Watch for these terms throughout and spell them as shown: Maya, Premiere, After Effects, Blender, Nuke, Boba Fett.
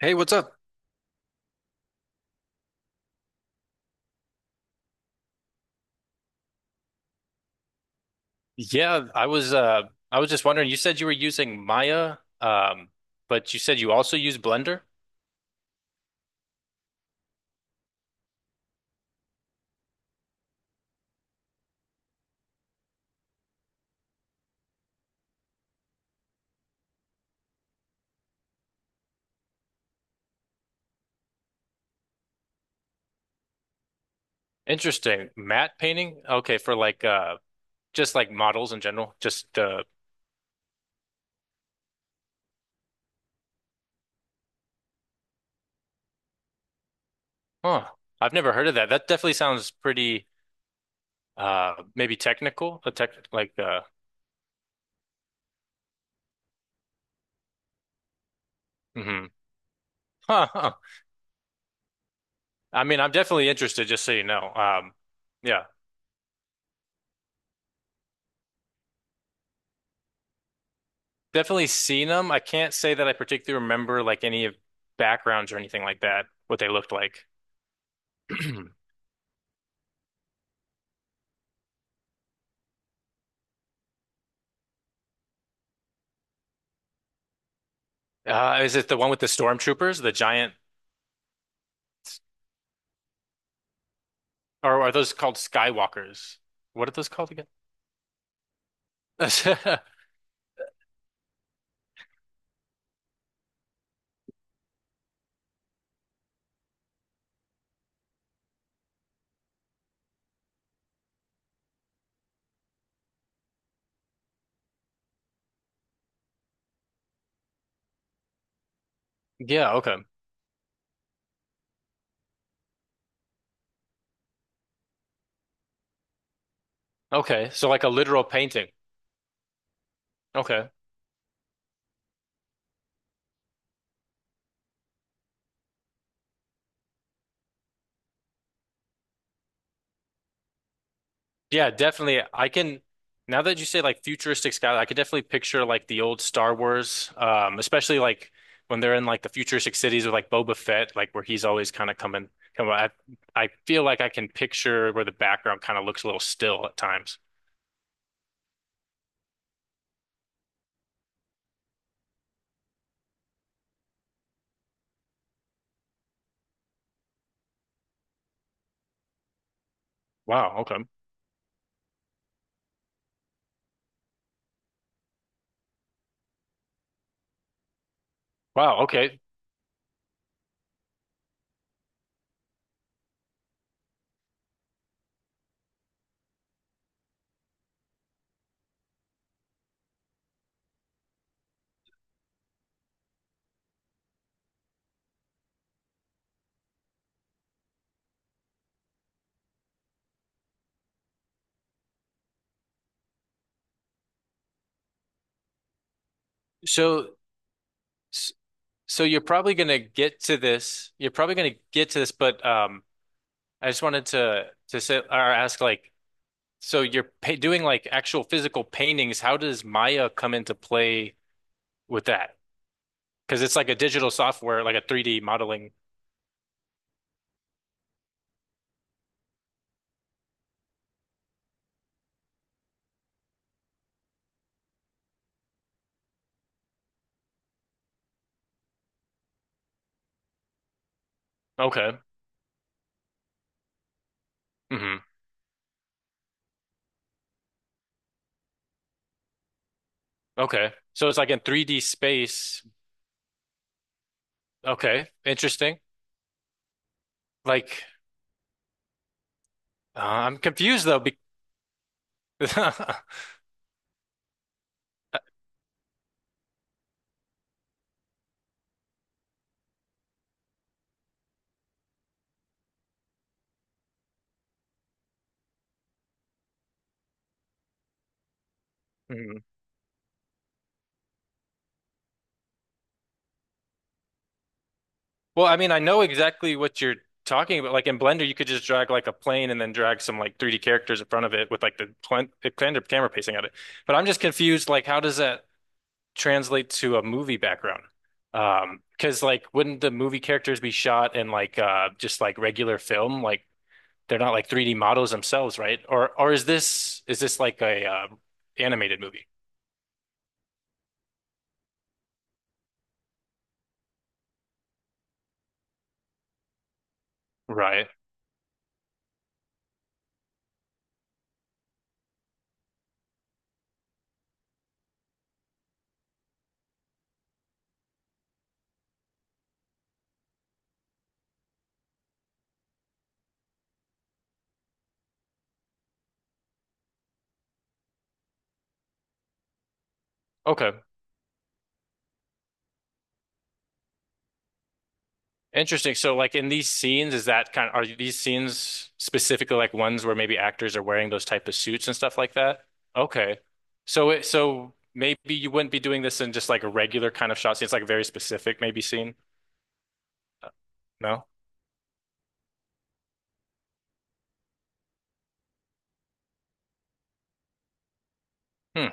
Hey, what's up? Yeah, I was uh I was just wondering, you said you were using Maya, but you said you also use Blender? Interesting. Matte painting? Okay, for just like models in general. Just uh Huh. I've never heard of that. That definitely sounds pretty maybe technical, a tech like uh hmm Huh, huh. I mean, I'm definitely interested, just so you know. Yeah. Definitely seen them. I can't say that I particularly remember like any of backgrounds or anything like that, what they looked like. Is it the one with the stormtroopers, the giant, or are those called Skywalkers? What are those called again? Yeah, okay. Okay. So like a literal painting. Okay. Yeah, definitely. I can Now that you say like futuristic sky, I could definitely picture like the old Star Wars, especially like when they're in like the futuristic cities with like Boba Fett, like where he's always kind of coming come I feel like I can picture where the background kind of looks a little still at times. Wow, okay. Wow, okay. So So you're probably gonna get to this. You're probably gonna get to this, but I just wanted to say or ask like, so you're pa doing like actual physical paintings. How does Maya come into play with that? Because it's like a digital software, like a 3D modeling. Okay. Hmm. Okay. So it's like in 3D space. Okay. Interesting. Like, I'm confused though. Be Mhm. Well, I mean, I know exactly what you're talking about. Like in Blender, you could just drag like a plane and then drag some like 3D characters in front of it with like the Blender camera pacing at it. But I'm just confused. Like, how does that translate to a movie background? Because like, wouldn't the movie characters be shot in just like regular film? Like, they're not like 3D models themselves, right? Or is this Is this like a animated movie? Right. Okay. Interesting. So, like in these scenes, is that kind of, are these scenes specifically like ones where maybe actors are wearing those type of suits and stuff like that? Okay. So it, so maybe you wouldn't be doing this in just like a regular kind of shot scene. It's like a very specific maybe scene. Uh, No? Hmm.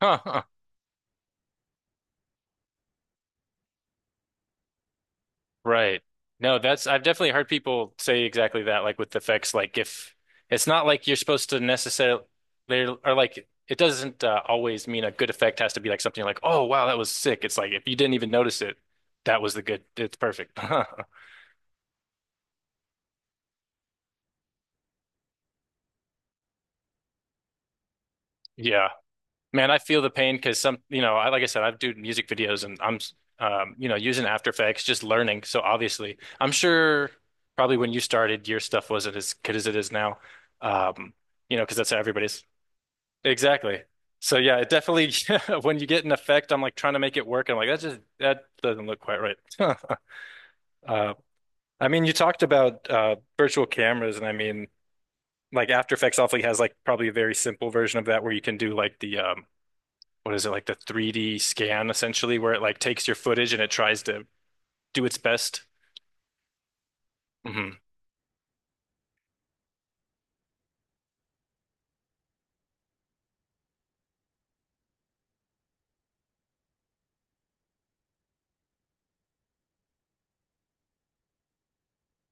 Huh. Right. No, that's I've definitely heard people say exactly that, like with effects, like if it's not like you're supposed to necessarily they are like it doesn't always mean a good effect has to be like something like, oh wow, that was sick. It's like if you didn't even notice it, that was the good. It's perfect. Yeah. Man, I feel the pain because some, you know, I like I said, I've do music videos and I'm you know, using After Effects, just learning. So obviously, I'm sure probably when you started, your stuff wasn't as good as it is now. Um, you know, because that's how everybody's Exactly. So yeah, it definitely when you get an effect, I'm like trying to make it work. I'm like, that just that doesn't look quite right. Uh, I mean, you talked about virtual cameras, and I mean, like After Effects awfully has like probably a very simple version of that where you can do like the what is it like the 3D scan essentially, where it like takes your footage and it tries to do its best. Hmm.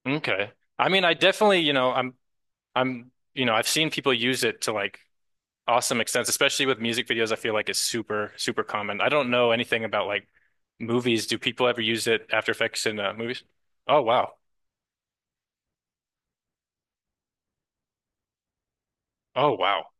Okay. I mean, I definitely, you know, I'm you know, I've seen people use it to like awesome extent, especially with music videos, I feel like it's super, super common. I don't know anything about like movies. Do people ever use it After Effects in movies? Oh wow. Oh wow.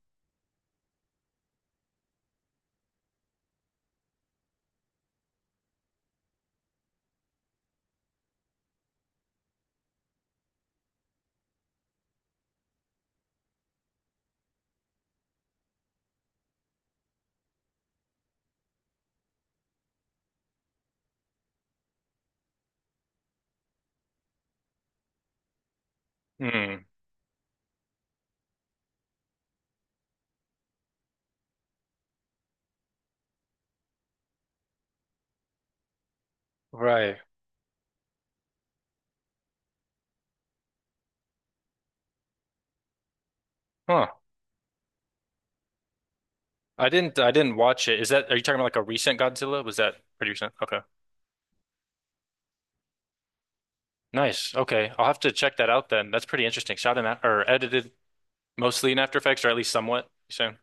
Hmm. Right. Huh. I didn't watch it. Is that are you talking about like a recent Godzilla? Was that pretty recent? Okay. Nice. Okay. I'll have to check that out then. That's pretty interesting. Shot in that or edited mostly in After Effects or at least somewhat. So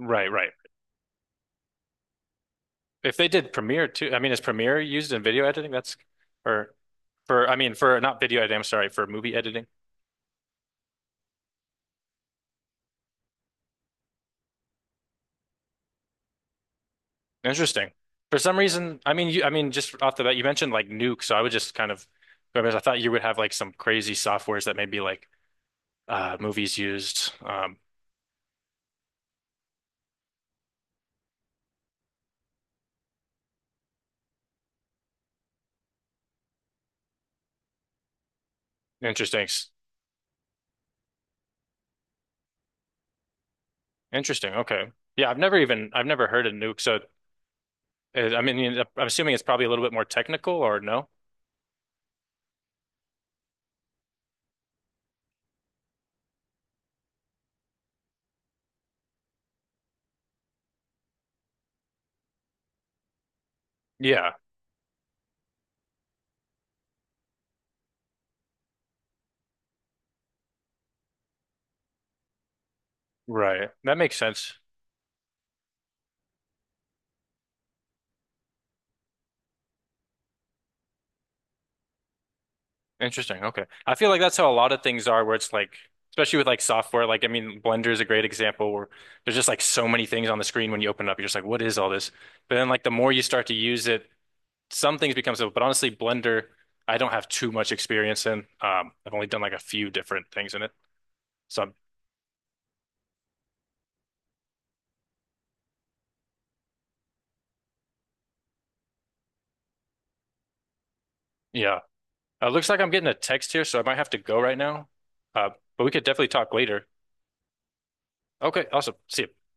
right, right. If they did Premiere too, I mean, is Premiere used in video editing? That's or For I mean for not video editing, I'm sorry, for movie editing. Interesting. For some reason, I mean, just off the bat, you mentioned like Nuke, so I would just kind of, I mean, I thought you would have like some crazy softwares that maybe like movies used. Interesting, interesting. Okay, yeah, I've never heard of Nuke, so I mean, I'm assuming it's probably a little bit more technical, or no? Yeah, right. That makes sense. Interesting. Okay. I feel like that's how a lot of things are where it's like, especially with like software, like, I mean, Blender is a great example where there's just like so many things on the screen when you open it up. You're just like, what is all this? But then like the more you start to use it, some things become simple. But honestly, Blender, I don't have too much experience in. I've only done like a few different things in it. So I'm- yeah, looks like I'm getting a text here, so I might have to go right now. Uh, but we could definitely talk later. Okay. Awesome. See ya.